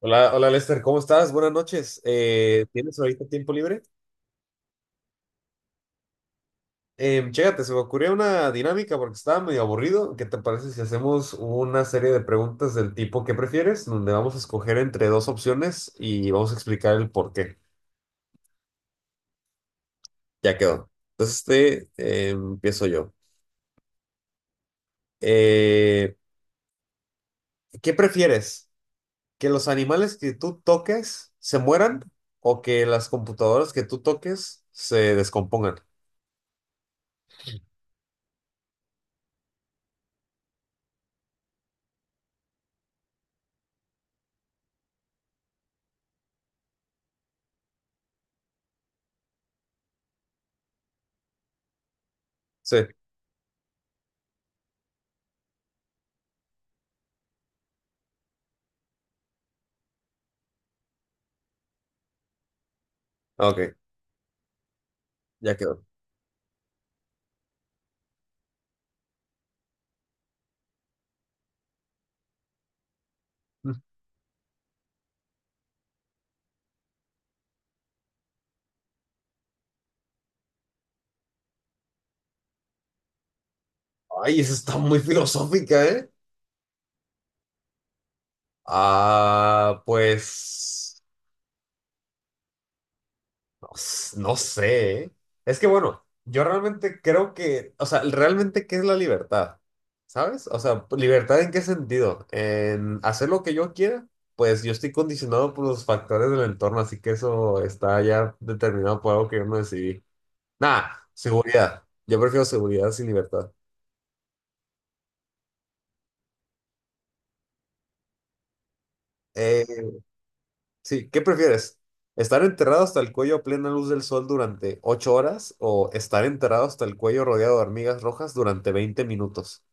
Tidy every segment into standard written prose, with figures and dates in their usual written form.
Hola, hola Lester, ¿cómo estás? Buenas noches. ¿Tienes ahorita tiempo libre? Chécate, se me ocurrió una dinámica porque estaba medio aburrido. ¿Qué te parece si hacemos una serie de preguntas del tipo ¿qué prefieres? Donde vamos a escoger entre dos opciones y vamos a explicar el por qué. Ya quedó. Entonces, este, empiezo yo. Eh, ¿Qué prefieres? ¿Que los animales que tú toques se mueran o que las computadoras que tú toques se descompongan? Sí, ok, ya quedó. Ay, esa está muy filosófica, ¿eh? Ah, pues no, no sé, ¿eh? Es que bueno, yo realmente creo que, o sea, realmente, ¿qué es la libertad? ¿Sabes? O sea, pues, ¿libertad en qué sentido? En hacer lo que yo quiera, pues yo estoy condicionado por los factores del entorno, así que eso está ya determinado por algo que yo no decidí. Nada, seguridad. Yo prefiero seguridad sin libertad. Eh, Sí, ¿Qué prefieres? ¿Estar enterrado hasta el cuello a plena luz del sol durante 8 horas o estar enterrado hasta el cuello rodeado de hormigas rojas durante 20 minutos?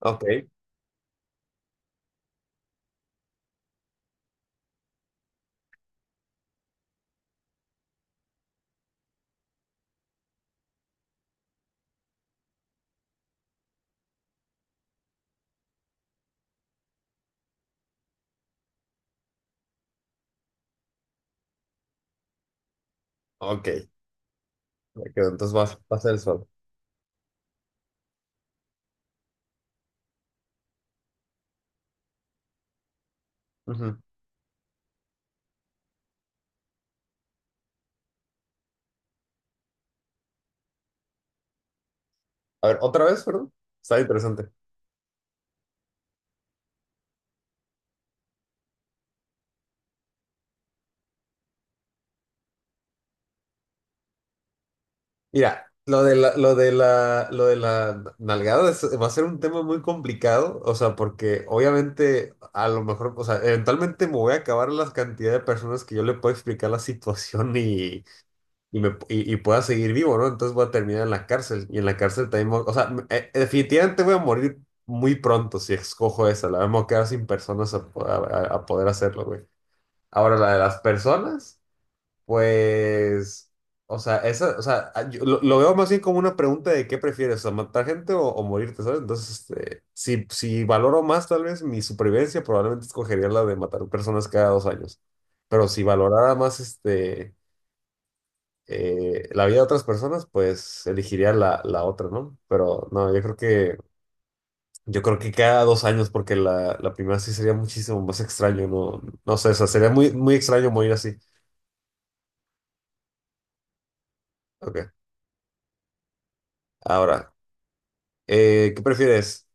Ok, ok, me quedo. Entonces vas, vas el sol. Ujú. A ver, otra vez, perdón. Está interesante. Mira, lo de la, lo de la, lo de la nalgada va a ser un tema muy complicado, o sea, porque obviamente a lo mejor, o sea, eventualmente me voy a acabar la cantidad de personas que yo le puedo explicar la situación y pueda seguir vivo, ¿no? Entonces voy a terminar en la cárcel y en la cárcel también, voy, o sea, definitivamente voy a morir muy pronto si escojo esa, la vamos a quedar sin personas a, po- a poder hacerlo, güey. Ahora, la de las personas, pues, o sea, esa, o sea, yo lo veo más bien como una pregunta de qué prefieres, o sea, matar gente o morirte, ¿sabes? Entonces, este, si valoro más tal vez mi supervivencia, probablemente escogería la de matar personas cada 2 años. Pero si valorara más este la vida de otras personas, pues elegiría la otra, ¿no? Pero no, yo creo que cada 2 años, porque la primera sí sería muchísimo más extraño, no, no sé, o sea, sería muy, muy extraño morir así. Ok, ahora, ¿qué prefieres?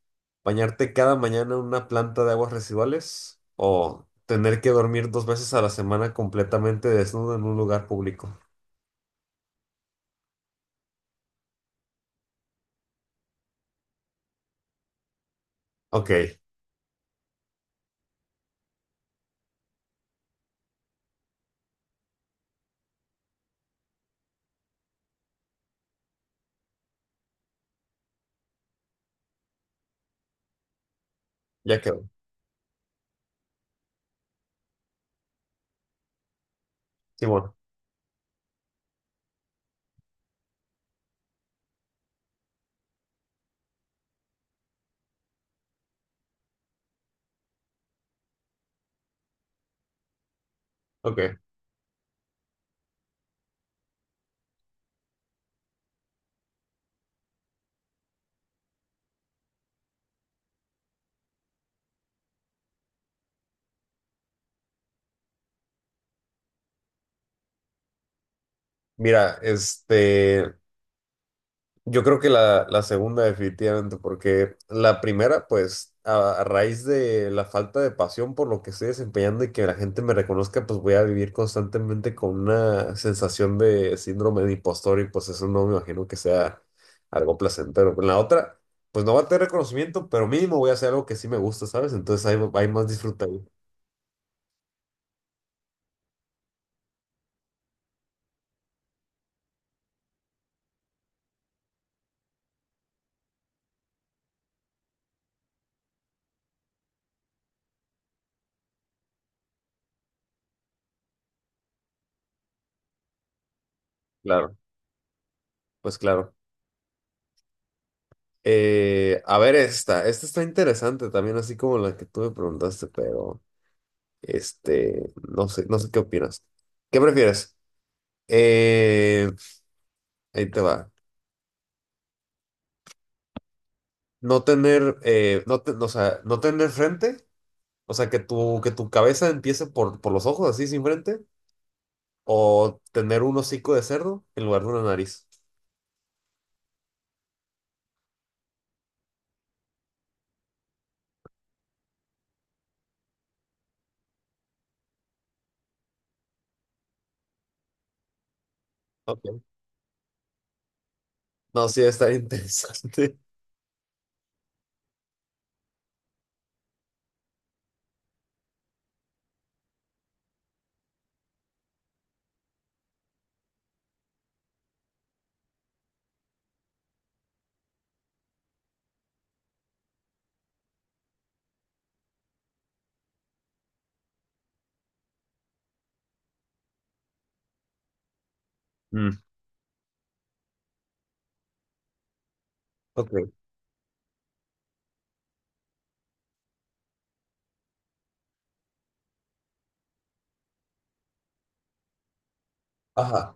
¿Bañarte cada mañana en una planta de aguas residuales o tener que dormir dos veces a la semana completamente desnudo en un lugar público? Ok, ya quedó. Simón, ok. Mira, este. Yo creo que la segunda definitivamente, porque la primera, pues a raíz de la falta de pasión por lo que estoy desempeñando y que la gente me reconozca, pues voy a vivir constantemente con una sensación de síndrome de impostor y pues eso no me imagino que sea algo placentero. En la otra, pues no va a tener reconocimiento, pero mínimo voy a hacer algo que sí me gusta, ¿sabes? Entonces hay más disfrute ahí. Claro, pues claro. A ver esta, esta está interesante también, así como la que tú me preguntaste, pero... Este, no sé, no sé qué opinas. ¿Qué prefieres? Eh, ahí te va. No tener, o sea, no tener frente, o sea, que tu cabeza empiece por los ojos, así sin frente, o tener un hocico de cerdo en lugar de una nariz. Ok. No, sí, está interesante. Mm, ok. Ajá.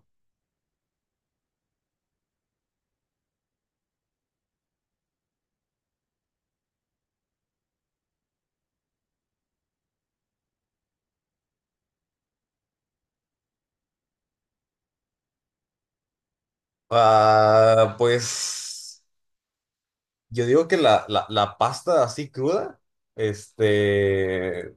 Ah, pues yo digo que la pasta así cruda, este,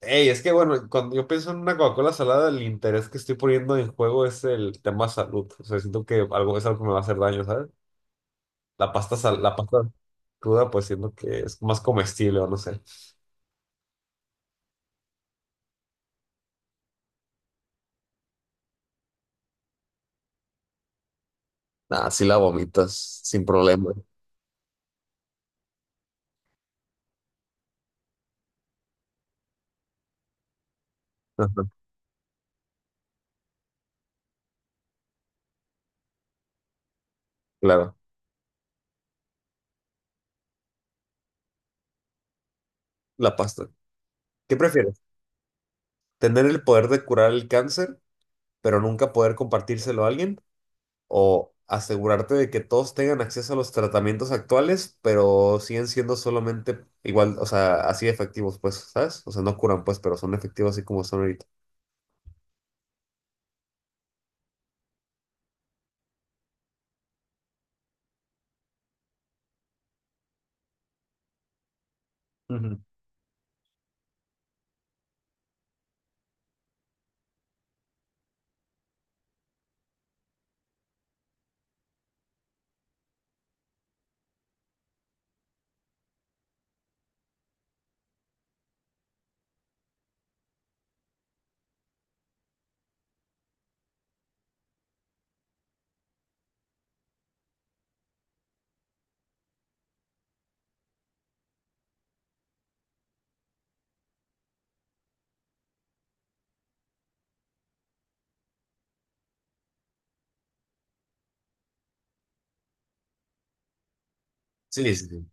ey, es que bueno, cuando yo pienso en una Coca-Cola salada, el interés que estoy poniendo en juego es el tema salud. O sea, siento que algo es algo que me va a hacer daño, ¿sabes? La pasta cruda, pues siento que es más comestible o no sé. Ah, sí la vomitas, sin problema. Ajá, claro, la pasta. ¿Qué prefieres? ¿Tener el poder de curar el cáncer, pero nunca poder compartírselo a alguien? ¿O asegurarte de que todos tengan acceso a los tratamientos actuales, pero siguen siendo solamente igual, o sea, así efectivos, pues, ¿sabes? O sea, no curan, pues, pero son efectivos así como son ahorita. Ujú. Sí, sí, sí.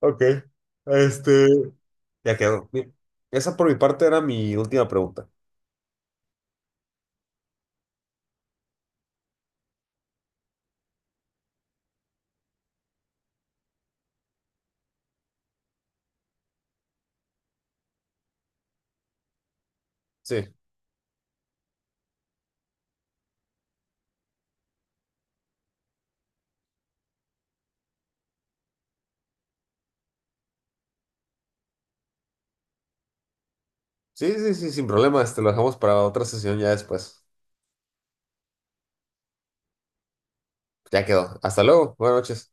Ok, este, ya quedó. Mi- esa por mi parte era mi última pregunta. Sí, sí, sí, sí, sin problema. Este, lo dejamos para otra sesión ya después. Ya quedó. Hasta luego. Buenas noches.